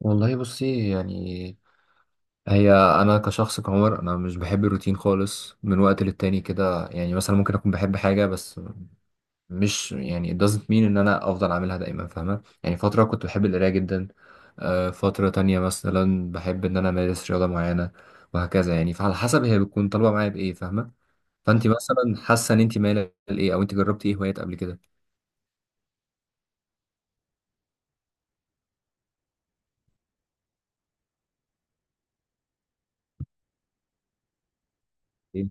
والله بصي. يعني هي انا كشخص كعمر، انا مش بحب الروتين خالص. من وقت للتاني كده، يعني مثلا ممكن اكون بحب حاجه، بس مش يعني it doesn't mean ان انا افضل اعملها دايما، فاهمه يعني. فتره كنت بحب القرايه جدا. فتره تانية مثلا بحب ان انا امارس رياضه معينه، وهكذا يعني. فعلى حسب هي بتكون طالبه معايا بايه، فاهمه؟ فانت مثلا حاسه ان انت مايله لايه، او انت جربتي ايه هوايات قبل كده؟ إيه؟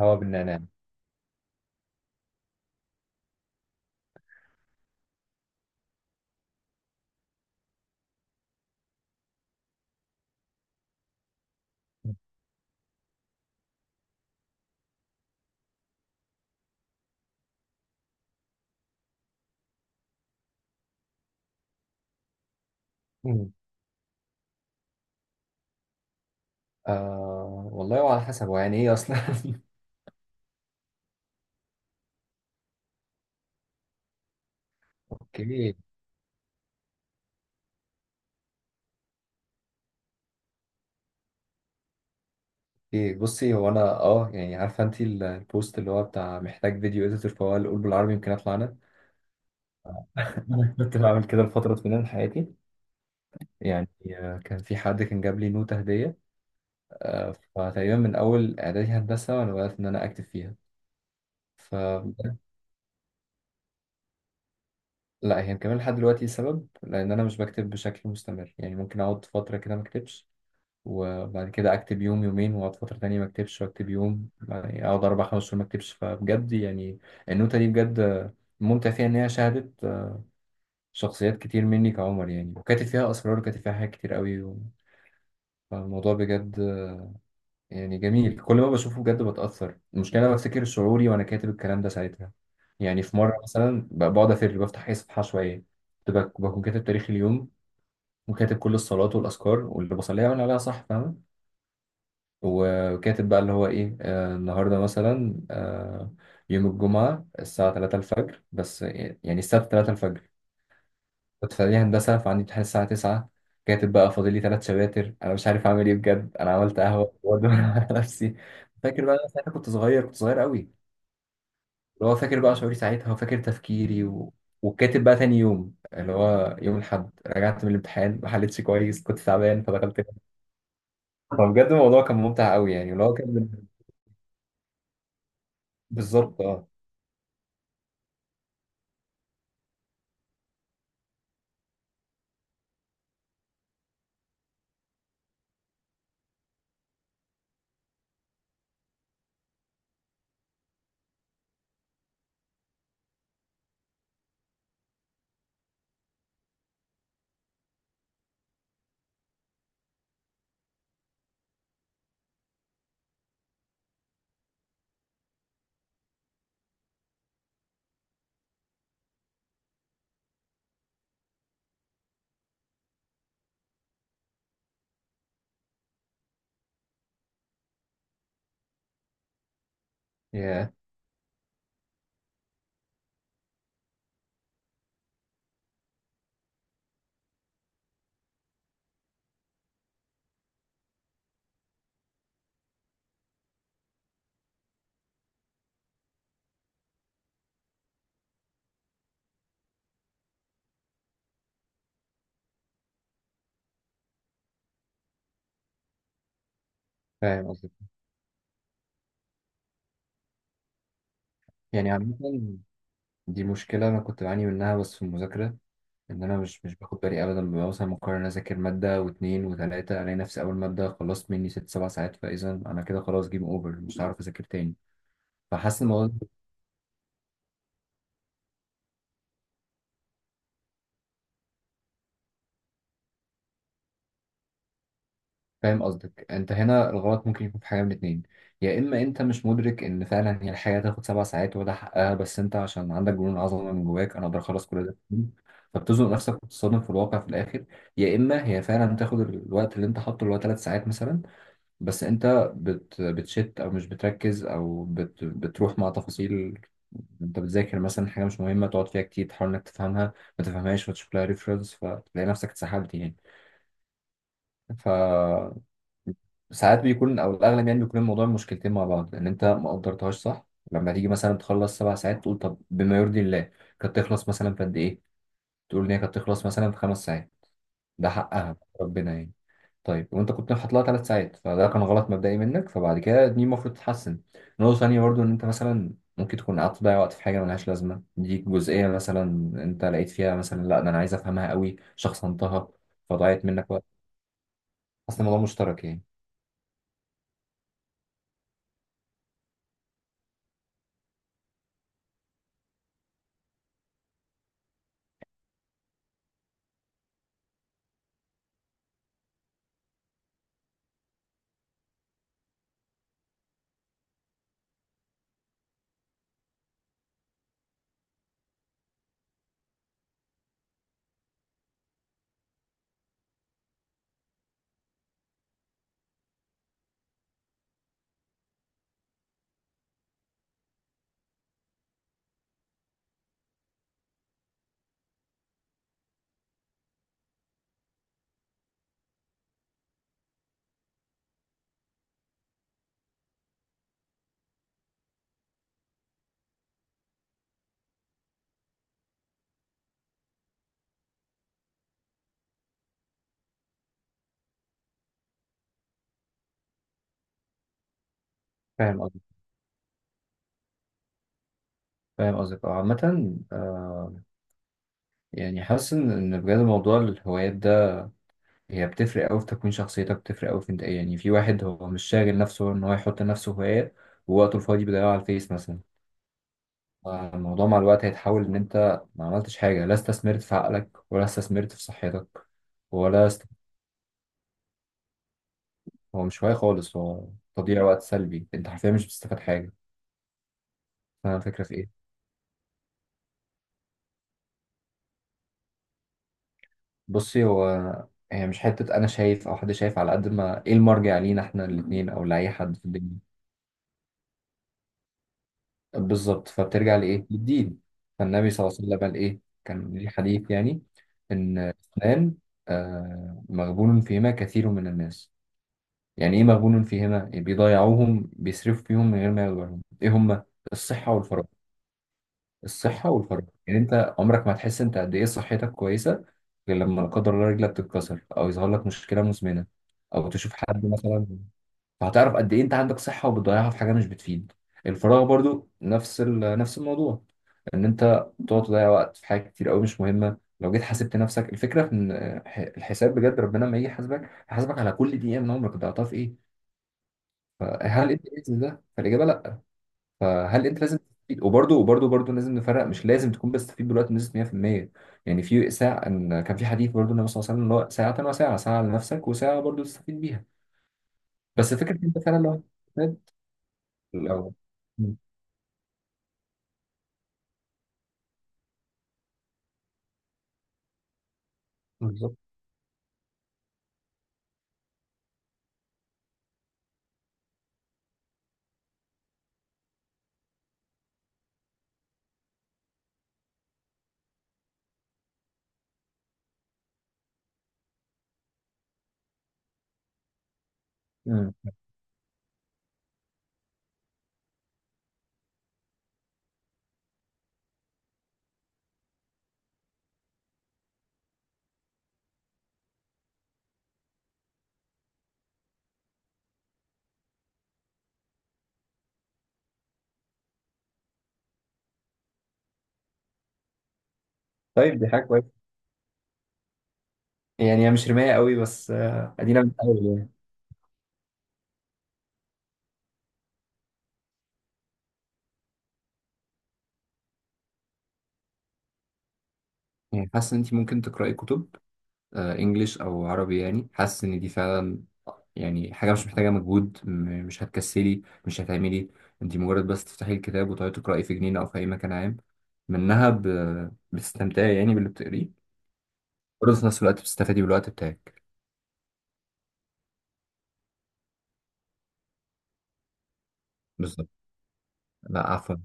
هوا بالنعناع؟ مم. آه والله، وعلى حسب هو يعني ايه اصلا. اوكي. إيه، بصي، هو انا اه يعني عارفه انت البوست اللي هو بتاع محتاج فيديو اديتور؟ فهو اللي قول بالعربي يمكن اطلع انا. انا كنت بعمل كده لفتره طويله من حياتي. يعني كان في حد كان جاب لي نوتة هديه. فتقريبا من اول اعدادي هندسه وانا بدات ان انا اكتب فيها، فلا هي مكمله لحد دلوقتي. سبب لان انا مش بكتب بشكل مستمر، يعني ممكن اقعد فتره كده ما اكتبش، وبعد كده اكتب يوم يومين، واقعد فتره تانية ما اكتبش، واكتب يوم. يعني اقعد اربع خمس شهور ما اكتبش. فبجد يعني النوتة دي بجد ممتع فيها ان هي شهدت شخصيات كتير مني كعمر يعني. وكاتب فيها اسرار، وكاتب فيها حاجات كتير قوي، و... فالموضوع بجد يعني جميل. كل ما بشوفه بجد بتأثر. المشكلة أنا بفتكر شعوري وأنا كاتب الكلام ده ساعتها. يعني في مرة مثلا بقعد أفر بفتح أي صفحة شوية، كنت بكون كاتب تاريخ اليوم، وكاتب كل الصلوات والأذكار واللي بصليها وأنا عليها صح، فاهمة؟ وكاتب بقى اللي هو ايه، آه، النهارده مثلا، آه، يوم الجمعة الساعة 3 الفجر، بس يعني السبت 3 الفجر. كنت في إعدادية هندسة فعندي امتحان الساعة 9. كاتب بقى فاضل لي ثلاث شباتر، انا مش عارف اعمل ايه، بجد انا عملت قهوة وادور على نفسي. فاكر بقى أنا ساعتها كنت صغير، كنت صغير قوي. اللي هو فاكر بقى شعوري ساعتها، وفاكر تفكيري، و... وكاتب بقى تاني يوم اللي هو يوم الأحد، رجعت من الامتحان ما حلتش كويس، كنت تعبان فدخلت. فبجد الموضوع كان ممتع قوي، يعني اللي هو كان بالظبط اه. Yeah. فاهم قصدك. يعني عامة دي مشكلة أنا كنت بعاني منها بس في المذاكرة. إن أنا مش باخد بالي أبدا، ببقى مثلا مقرر أذاكر مادة واتنين وتلاتة، ألاقي نفسي أول مادة خلصت مني ست سبع ساعات. فإذا أنا كده خلاص جيم أوفر، مش هعرف أذاكر تاني. فحاسس الموضوع ده- فاهم قصدك. أنت هنا الغلط ممكن يكون في حاجة من اتنين. يا إما أنت مش مدرك إن فعلا هي الحياة تاخد سبع ساعات وده حقها، بس أنت عشان عندك جنون عظمة من جواك، أنا أقدر أخلص كل ده في يوم، فبتزنق نفسك وتتصدم في الواقع في الآخر. يا إما هي فعلا بتاخد الوقت اللي أنت حاطه اللي هو تلات ساعات مثلا، بس انت بتشت او مش بتركز، او بتروح مع تفاصيل. انت بتذاكر مثلا حاجه مش مهمه، تقعد فيها كتير تحاول انك تفهمها، ما تفهمهاش فتشوف لها ريفرنس، فتلاقي نفسك اتسحلت يعني. ف ساعات بيكون، او الاغلب يعني بيكون الموضوع مشكلتين مع بعض. ان انت ما قدرتهاش صح، لما تيجي مثلا تخلص سبع ساعات، تقول طب بما يرضي الله كانت تخلص مثلا في قد ايه؟ تقول ان هي كانت تخلص مثلا في خمس ساعات، ده حقها ربنا يعني. طيب وانت كنت حاطط لها ثلاث ساعات، فده كان غلط مبدئي منك، فبعد كده دي المفروض تتحسن. نقطة تانية برضو ان انت مثلا ممكن تكون قعدت تضيع وقت في حاجة ملهاش لازمة. دي جزئية مثلا انت لقيت فيها مثلا، لا ده انا عايز افهمها قوي، شخصنتها، فضيعت منك وقت. اصل الموضوع مشترك يعني. فاهم قصدك، فاهم قصدك اه. عامة آه، يعني حاسس ان إن بجد موضوع الهوايات ده هي بتفرق قوي في تكوين شخصيتك، بتفرق قوي في انت ايه يعني. في واحد هو مش شاغل نفسه ان هو يحط لنفسه هوايات، ووقته الفاضي بيضيعه على الفيس مثلا. الموضوع مع الوقت هيتحول ان انت ما عملتش حاجه، لا استثمرت في عقلك ولا استثمرت في صحتك. ولا است... هو مش هواية خالص، هو تضييع وقت سلبي. انت حرفيا مش بتستفاد حاجه. فاهم الفكره في ايه؟ بصي هو هي مش حته انا شايف او حد شايف، على قد ما ايه المرجع لينا احنا الاثنين او لاي حد في الدنيا. بالظبط. فبترجع لايه؟ للدين. فالنبي صلى الله عليه وسلم قال ايه؟ كان ليه حديث يعني. ان اثنان، آه، مغبون فيهما كثير من الناس. يعني إيه مغبون فيه هنا؟ إيه بيضيعوهم بيصرفوا فيهم من غير ما ياخدوا بالهم إيه هما؟ الصحة والفراغ. الصحة والفراغ، يعني أنت عمرك ما هتحس أنت قد إيه صحتك كويسة، غير لما لا قدر الله رجلك تتكسر أو يظهر لك مشكلة مزمنة، أو تشوف حد مثلا. فهتعرف قد إيه أنت عندك صحة وبتضيعها في حاجة مش بتفيد. الفراغ برضو نفس نفس الموضوع. إن أنت تقعد تضيع وقت في حاجات كتير أوي مش مهمة. لو جيت حاسبت نفسك، الفكرة في إن الحساب بجد ربنا لما يجي يحاسبك، هيحاسبك على كل دقيقة من عمرك ضيعتها في إيه. فهل انت باذن ده؟ فالاجابه لا. فهل انت لازم تستفيد؟ وبرده وبرده برده لازم نفرق. مش لازم تكون بتستفيد بالوقت بنسبه 100%. يعني في ساعه، ان كان في حديث برده النبي صلى الله عليه وسلم اللي هو ساعه وساعه، ساعه لنفسك وساعه برده تستفيد بيها. بس فكره انت فعلا لو هتستفاد. لو مم. بالظبط. مم. طيب دي حاجه كويسه. يعني هي مش رمايه قوي، بس آه، ادينا بنحاول يعني. يعني حاسه ان انت ممكن تقراي كتب، آه، انجليش او عربي. يعني حاسس ان دي فعلا، يعني حاجه مش محتاجه مجهود، مش هتكسلي مش هتعملي. انت مجرد بس تفتحي الكتاب وتقعدي تقراي في جنينه او في اي مكان. عام منها بتستمتعي يعني باللي بتقريه، برضه في نفس الوقت بتستفادي بالوقت بتاعك. بالظبط. لا عفوا.